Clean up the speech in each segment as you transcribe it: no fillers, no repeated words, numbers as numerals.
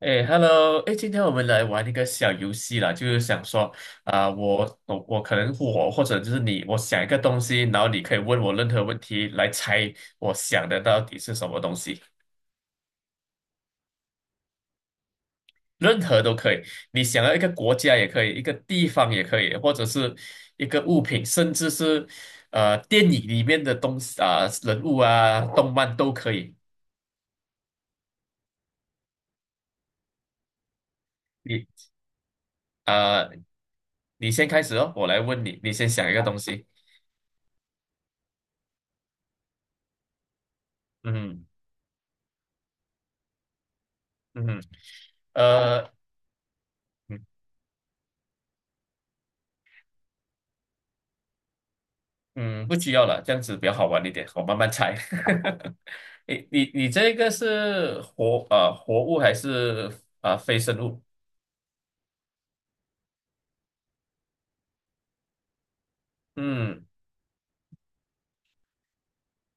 哎，Hello，哎，今天我们来玩一个小游戏啦，就是想说我可能我或者就是你，我想一个东西，然后你可以问我任何问题来猜我想的到底是什么东西，任何都可以。你想要一个国家也可以，一个地方也可以，或者是一个物品，甚至是电影里面的东西啊、人物啊、动漫都可以。你啊、呃你先开始哦，我来问你，你先想一个东西。嗯嗯，呃。嗯，不需要了，这样子比较好玩一点，我慢慢猜。你这个是活活物还是非生物？嗯，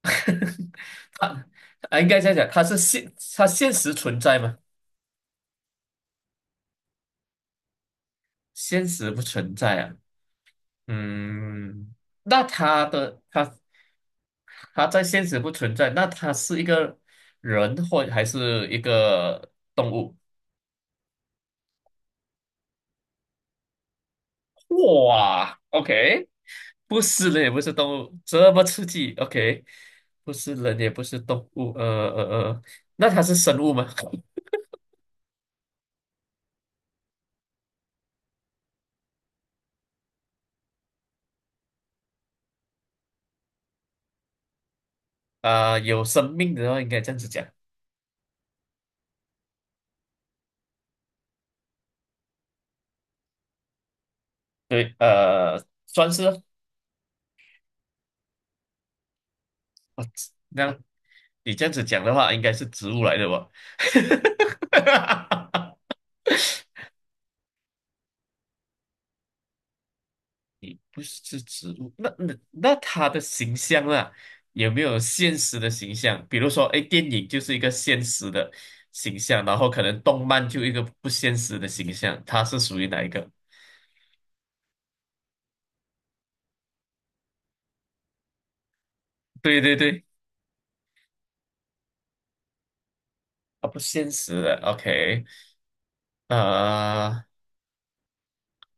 它应该这样讲，它是现现实存在吗？现实不存在啊。嗯，那它的它在现实不存在，那它是一个人或还是一个动物？哇，OK，不是人也不是动物，这么刺激，OK，不是人也不是动物，呃，那它是生物吗？有生命的话应该这样子讲，对，算是啊，那你这样子讲的话，应该是植物来的吧？不是植物，那它的形象啦，有没有现实的形象？比如说，哎，电影就是一个现实的形象，然后可能动漫就一个不现实的形象，它是属于哪一个？对对对，啊，不现实的，OK，呃，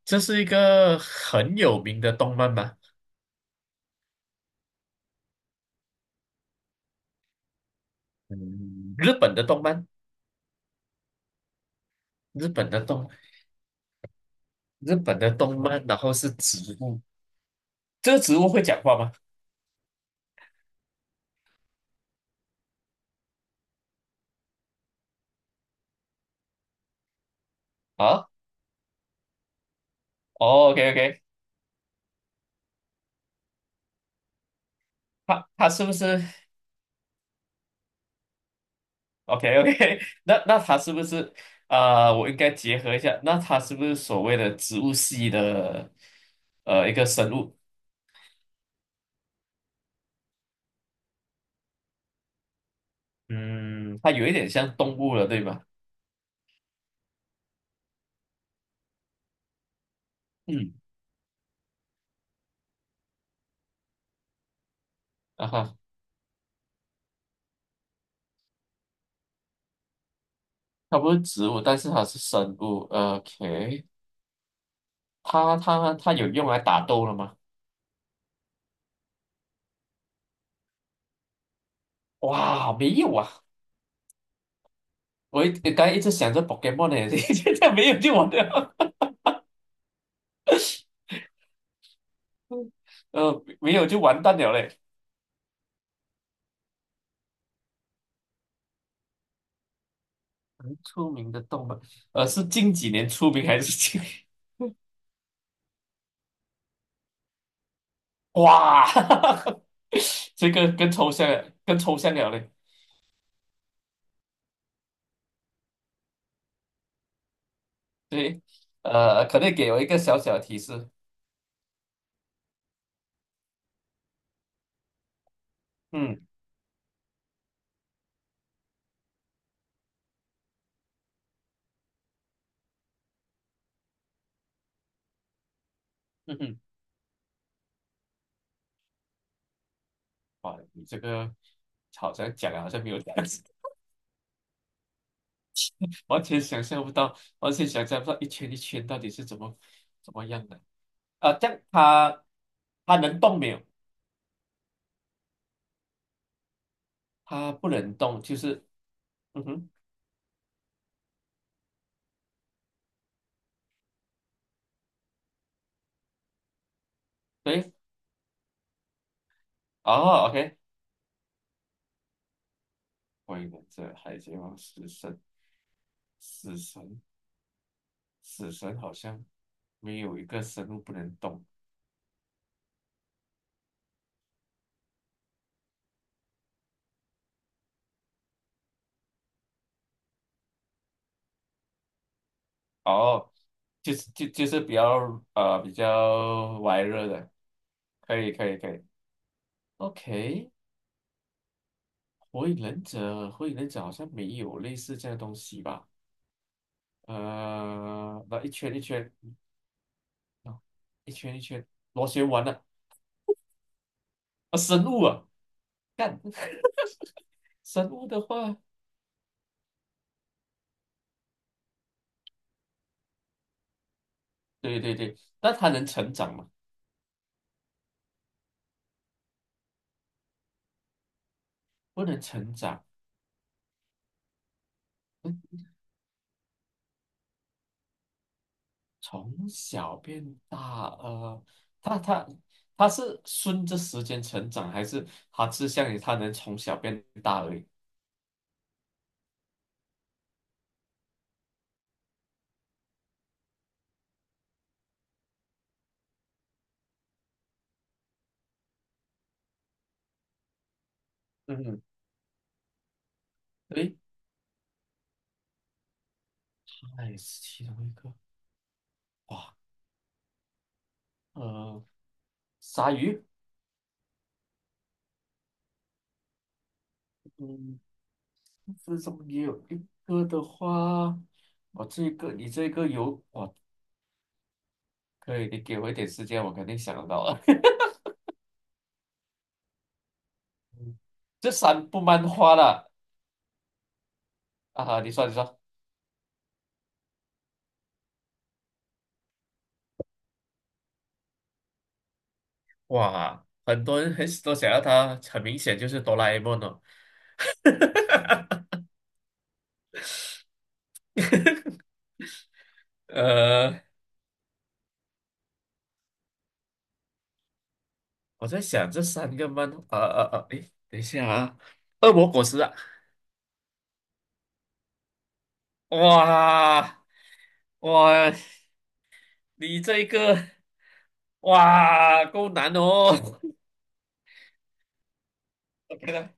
这是一个很有名的动漫吗？嗯，日本的动漫，日本的动，日本的动漫，然后是植物，这个植物会讲话吗？啊，哦，OK OK，它它是不是？OK OK，那那它是不是我应该结合一下，那它是不是所谓的植物系的一个生物？嗯，它有一点像动物了，对吧？嗯，啊哈，它不是植物，但是它是生物。OK，它有用来打斗了吗？哇，没有啊！我刚才一直想着 Pokemon 呢，现在没有就完了，呃，没有就完蛋了嘞。很出名的动漫，呃，是近几年出名还是近？哇，这个更抽象了，更抽象了嘞。对，呃，可能给我一个小小的提示。嗯嗯哼，哇，你这个好像讲了，好像没有讲，完全想象不到，完全想象不到一圈一圈到底是怎么怎么样的。这样它能动没有？它不能动，就是嗯哼，对，哦，OK，关于这海贼王死神，死神，死神好像没有一个生物不能动。哦，就是是比较比较玩热的，可以可以可以，OK，火影忍者好像没有类似这样的东西吧？呃，那一圈一圈，啊，一圈一圈螺旋丸的啊，生物啊，干生物的话，对对对，那它能成长吗？不能成长，从小变大，呃，他他他是顺着时间成长，还是他是想你，他能从小变大而已？嗯诶，那哎，是其中一个，哇，呃，鲨鱼，嗯，这中也有一个的话，我这个你这个有，哇，可以，你给我一点时间，我肯定想得到了。嗯这三部漫画了啊，你说你说，哇，很多人很都想要它，很明显就是哆啦 A 梦哦。哈哈哈呃，我在想这三个漫，诶，等一下啊，恶魔果实啊，哇哇，你这个哇够难哦 ，OK 了，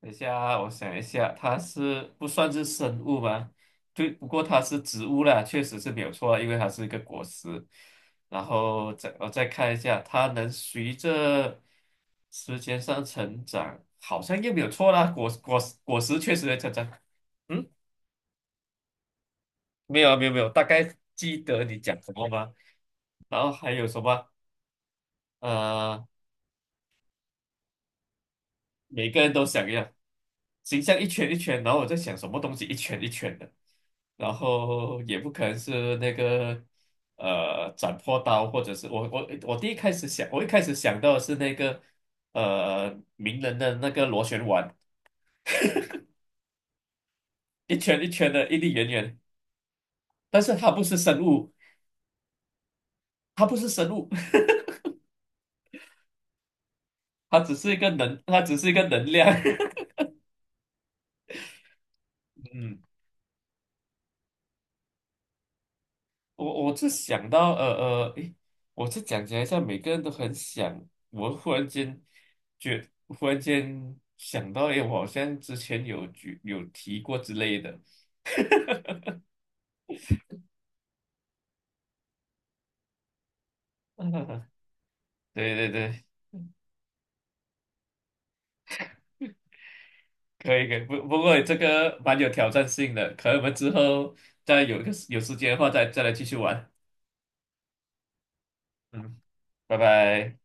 等一下，我想一下，它是不算是生物吗？对，不过它是植物啦，确实是没有错啊，因为它是一个果实。然后再我再看一下，它能随着时间上成长，好像又没有错啦。果果果实确实在成长。嗯，没有啊没有没有，大概记得你讲什么吗？然后还有什么？呃，每个人都想一样，形象一圈一圈，然后我在想什么东西一圈一圈的。然后也不可能是那个斩破刀，或者是我第一开始想，我一开始想到的是那个名人的那个螺旋丸，一圈一圈的，一粒圆圆，但是它不是生物，它不是生物，它只是一个能，它只是一个能量。嗯，我是想到呃，诶，我是讲起来像每个人都很想，我忽然间觉，忽然间想到，诶，我好像之前有举有提过之类的。嗯，对对对，嗯可以可以，不过这个蛮有挑战性的，可能我们之后再有一个有时间的话再来继续玩。嗯，拜拜。